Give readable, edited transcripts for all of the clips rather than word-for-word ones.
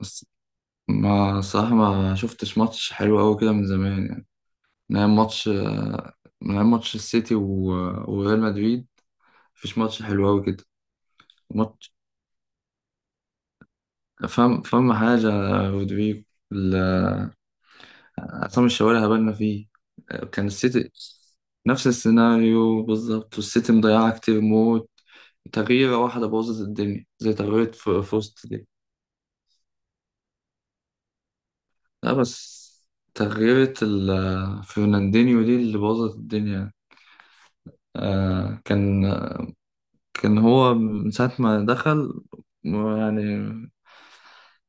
بس ما صراحة ما شفتش ماتش حلو أوي كده من زمان، يعني من أيام ماتش، السيتي وريال مدريد. مفيش ماتش حلو أوي كده. ماتش فاهم حاجة يا رودريجو. ال- عصام الشوالي هبلنا فيه. كان السيتي نفس السيناريو بالظبط، والسيتي مضيعة كتير موت. تغييرة واحدة بوظت الدنيا، زي تغييرة فوست دي. لا بس تغييرة فرناندينيو دي اللي بوظت الدنيا. آه، كان هو من ساعة ما دخل، يعني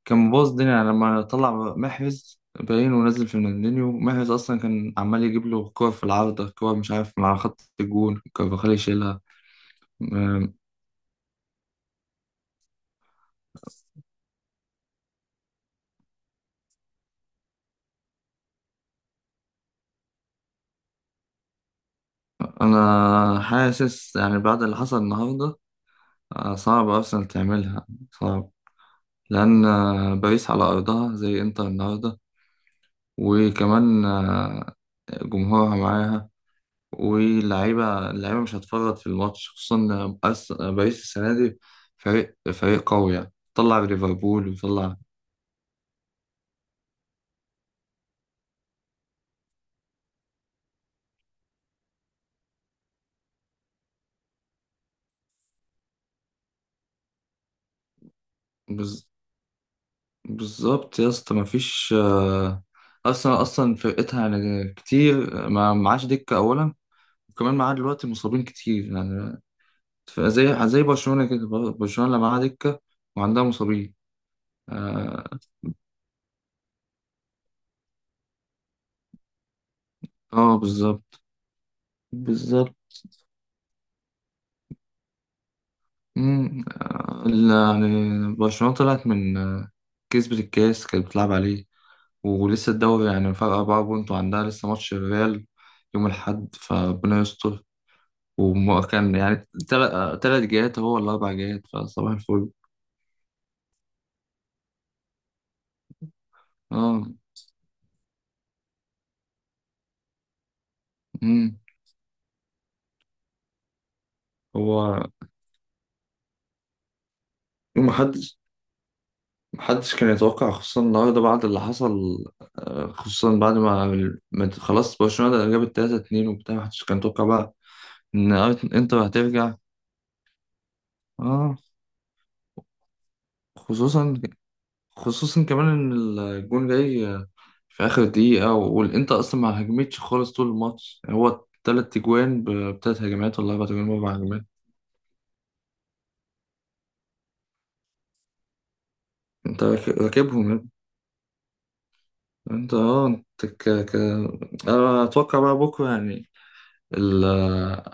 كان مبوظ الدنيا. يعني لما طلع محرز باين، ونزل فيرناندينيو، محرز أصلا كان عمال يجيب له كور في العارضة، كور مش عارف من على خط الجون كارفاخال يشيلها. أم، أنا حاسس يعني بعد اللي حصل النهاردة، صعب أرسنال تعملها، صعب. لأن باريس على أرضها زي إنتر النهاردة، وكمان جمهورها معاها، واللعيبة مش هتفرط في الماتش، خصوصا إن باريس السنة دي فريق قوي، يعني طلع ليفربول وطلع. بز... بالظبط يا اسطى، مفيش أصلا فرقتها يعني كتير، ما معاش دكة أولا، وكمان معاه دلوقتي مصابين كتير يعني. زي برشلونة كده، برشلونة لا معاها دكة وعندها مصابين. اه، بالظبط. بالظبط. مم، يعني برشلونة طلعت من كسبت الكاس كانت بتلعب عليه، ولسه الدوري يعني فرق 4 بونت، وعندها لسه ماتش الريال يوم الأحد، فربنا يستر. وكان يعني تلات جهات هو ولا أربع جهات، فصباح الفل. اه. مم. هو محدش محدش كان يتوقع، خصوصا النهارده بعد اللي حصل، خصوصا بعد ما خلاص برشلونة جابت 3-2 وبتاع، محدش كان يتوقع بقى إن إنتر هترجع. اه. خصوصا، خصوصا كمان ان الجون جاي في اخر دقيقة، والانتر اصلا ما هجمتش خالص طول الماتش، هو 3 اجوان بتلات هجمات ولا 4 اجوان باربع هجمات. انت راكبهم يا ابني. انت اه انت أنا اتوقع بقى بكرة يعني ال-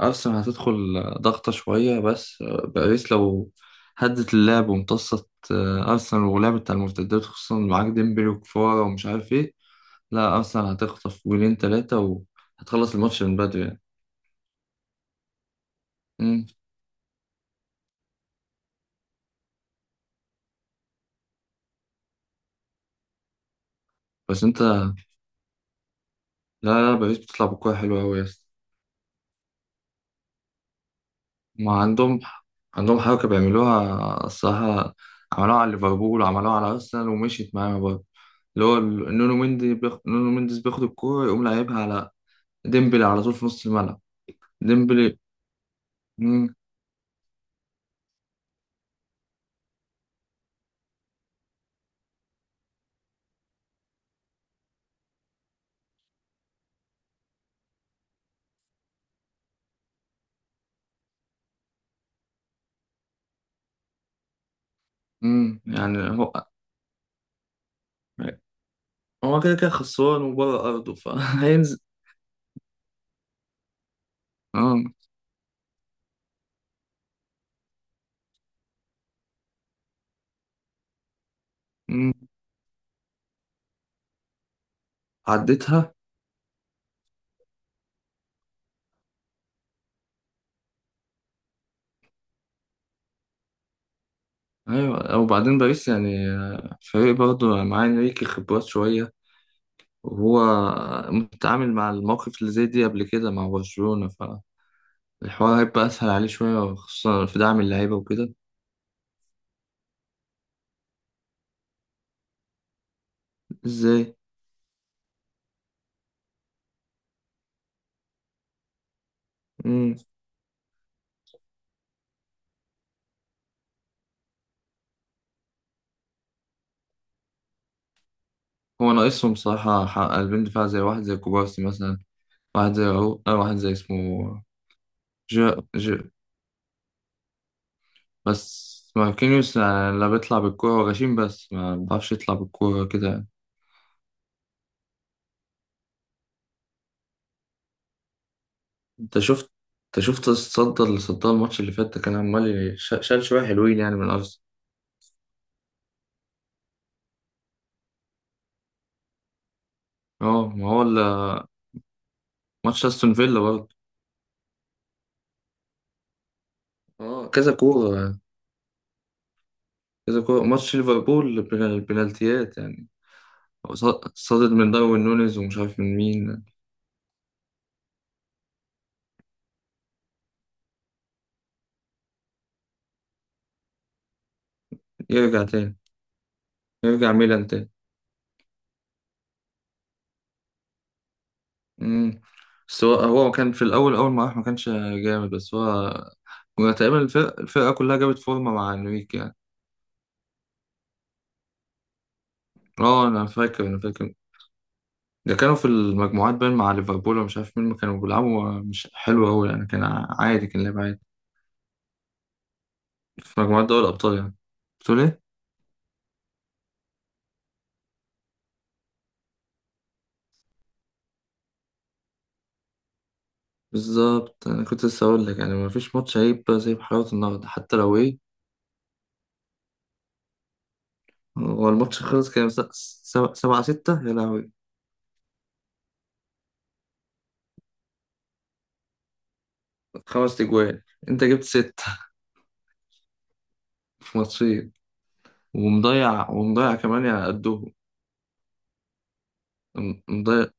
ارسنال هتدخل ضغطة شوية، بس باريس لو هدت اللعب وامتصت ارسنال ولعبت على المرتدات، خصوصا معاك ديمبلي وكفارة ومش عارف ايه، لا اصلا هتخطف 3 جولين، وهتخلص الماتش من بدري يعني. مم. بس انت، لا لا، باريس بتطلع بكورة حلوة أوي يا اسطى. ما عندهم عندهم حركة بيعملوها الصراحة، عملوها على ليفربول وعملوها على أرسنال، ومشيت معاها برضه. اللي هو نونو مندي نونو مندي بياخد الكورة يقوم لاعبها على ديمبلي على طول في نص الملعب. ديمبلي. مم. يعني هو، هو كده كده خسران وبره أرضه، فهينزل. اه. مم. عدتها. ايوه، وبعدين باريس يعني فريق برضه معاه انريكي خبرات شويه، وهو متعامل مع المواقف اللي زي دي قبل كده مع برشلونه، فالحوار هيبقى اسهل عليه شويه، خصوصا في دعم اللعيبه وكده. ازاي؟ مم. هو ناقصهم صراحه قلبين دفاع، زي واحد زي كوبارسي مثلا، واحد زي راؤول، أو واحد زي اسمه جا. بس ماركينيوس يعني، لا بيطلع بالكوره، هو غشيم بس ما بيعرفش يطلع بالكوره كده. انت شفت، انت شفت الصدى اللي صدها الماتش اللي فات ده، كان عمال شال شويه حلوين يعني من ارسنال. اه، ما هو ماتش استون فيلا برضه. اه كذا كوره. كذا كوره ماتش ليفربول البنالتيات يعني. هو صدد من داروين نونيز ومش عارف من مين. يرجع تاني. يرجع ميلان تاني. امم. بس هو، هو كان في الاول، اول ما راح ما كانش جامد، بس هو كنا تقريبا الفرقه كلها جابت فورمه مع انريكي يعني. اه، انا فاكر. انا فاكر ده، كانوا في المجموعات بين مع ليفربول ومش عارف مين، ما كانوا بيلعبوا مش حلو أوي يعني، كان عادي، كان لعب عادي في مجموعات دوري الأبطال يعني. بتقول إيه؟ بالظبط، أنا كنت لسه أقول لك يعني ما فيش ماتش هيبقى زي بحلاوة النهاردة حتى لو إيه. هو الماتش خلص كام؟ 7-6، يا لهوي. 5 تجوان. أنت جبت ستة. في ماتشين. ومضيع، ومضيع كمان يعني قدهم. مضيع.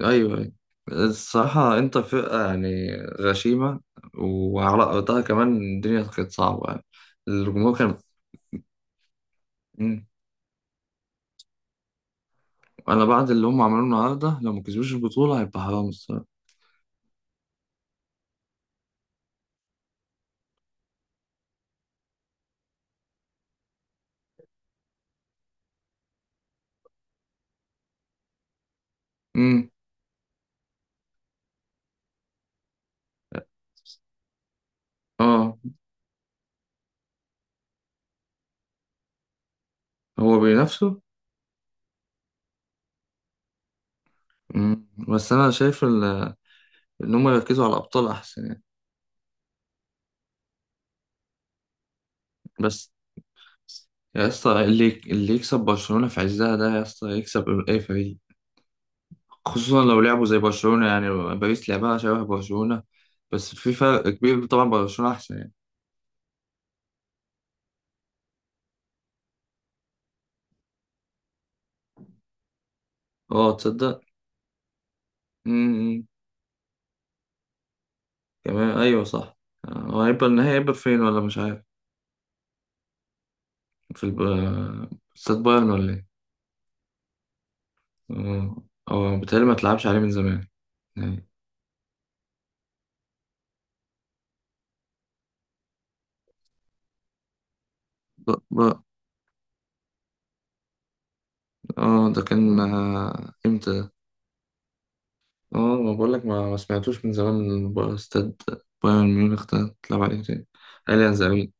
ايوه، ايوه. الصراحة انتر فرقة يعني غشيمة، وعلى ارضها كمان الدنيا كانت صعبة يعني، الجمهور كان. مم. انا بعد اللي هم عملوه النهاردة، لو ما كسبوش البطولة هيبقى حرام الصراحة. مم. اه. هو بينافسوا. مم. بس انا شايف ان هم يركزوا على الابطال احسن يعني. بس يا اسطى، اللي يكسب برشلونة في عزها ده يا اسطى يكسب اي فريق، خصوصا لو لعبوا زي برشلونة يعني. باريس لعبها شبه برشلونة، بس في فرق كبير طبعا، برشلونة أحسن يعني. اه، تصدق. امم. كمان أيوه صح. هو هيبقى النهائي، هيبقى فين ولا مش عارف؟ في الب... استاد بايرن ولا إيه؟ اه. اه، بيتهيألي ما تلعبش عليه من زمان يعني. ب... ب... اه، ده كان امتى ده؟ اه، ما بقولك ما سمعتوش من زمان من استاد بايرن ميونخ ده تلعب عليه تاني. أليانز أرينا.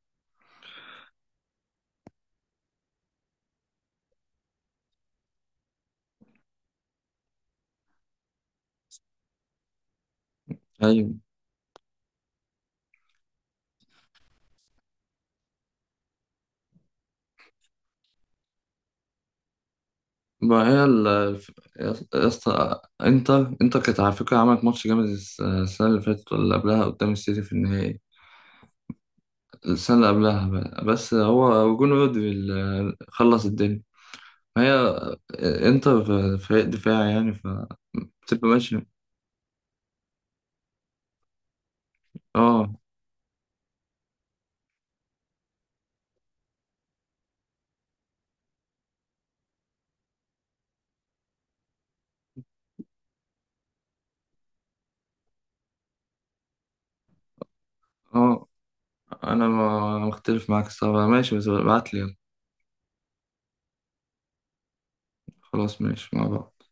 أيوه. ما هي ال، يا اسطى انتر، كانت على فكرة عملت ماتش جامد السنة اللي فاتت ولا اللي قبلها، قدام السيتي في النهائي. السنة اللي قبلها بقى. بس هو جون رودري اللي خلص الدنيا. ما هي انتر فريق دفاعي يعني، فبتبقى ماشي. اه. اه، انا ما مختلف معاك الصراحة، ماشي بس ابعت لي. خلاص، ماشي، مع بعض.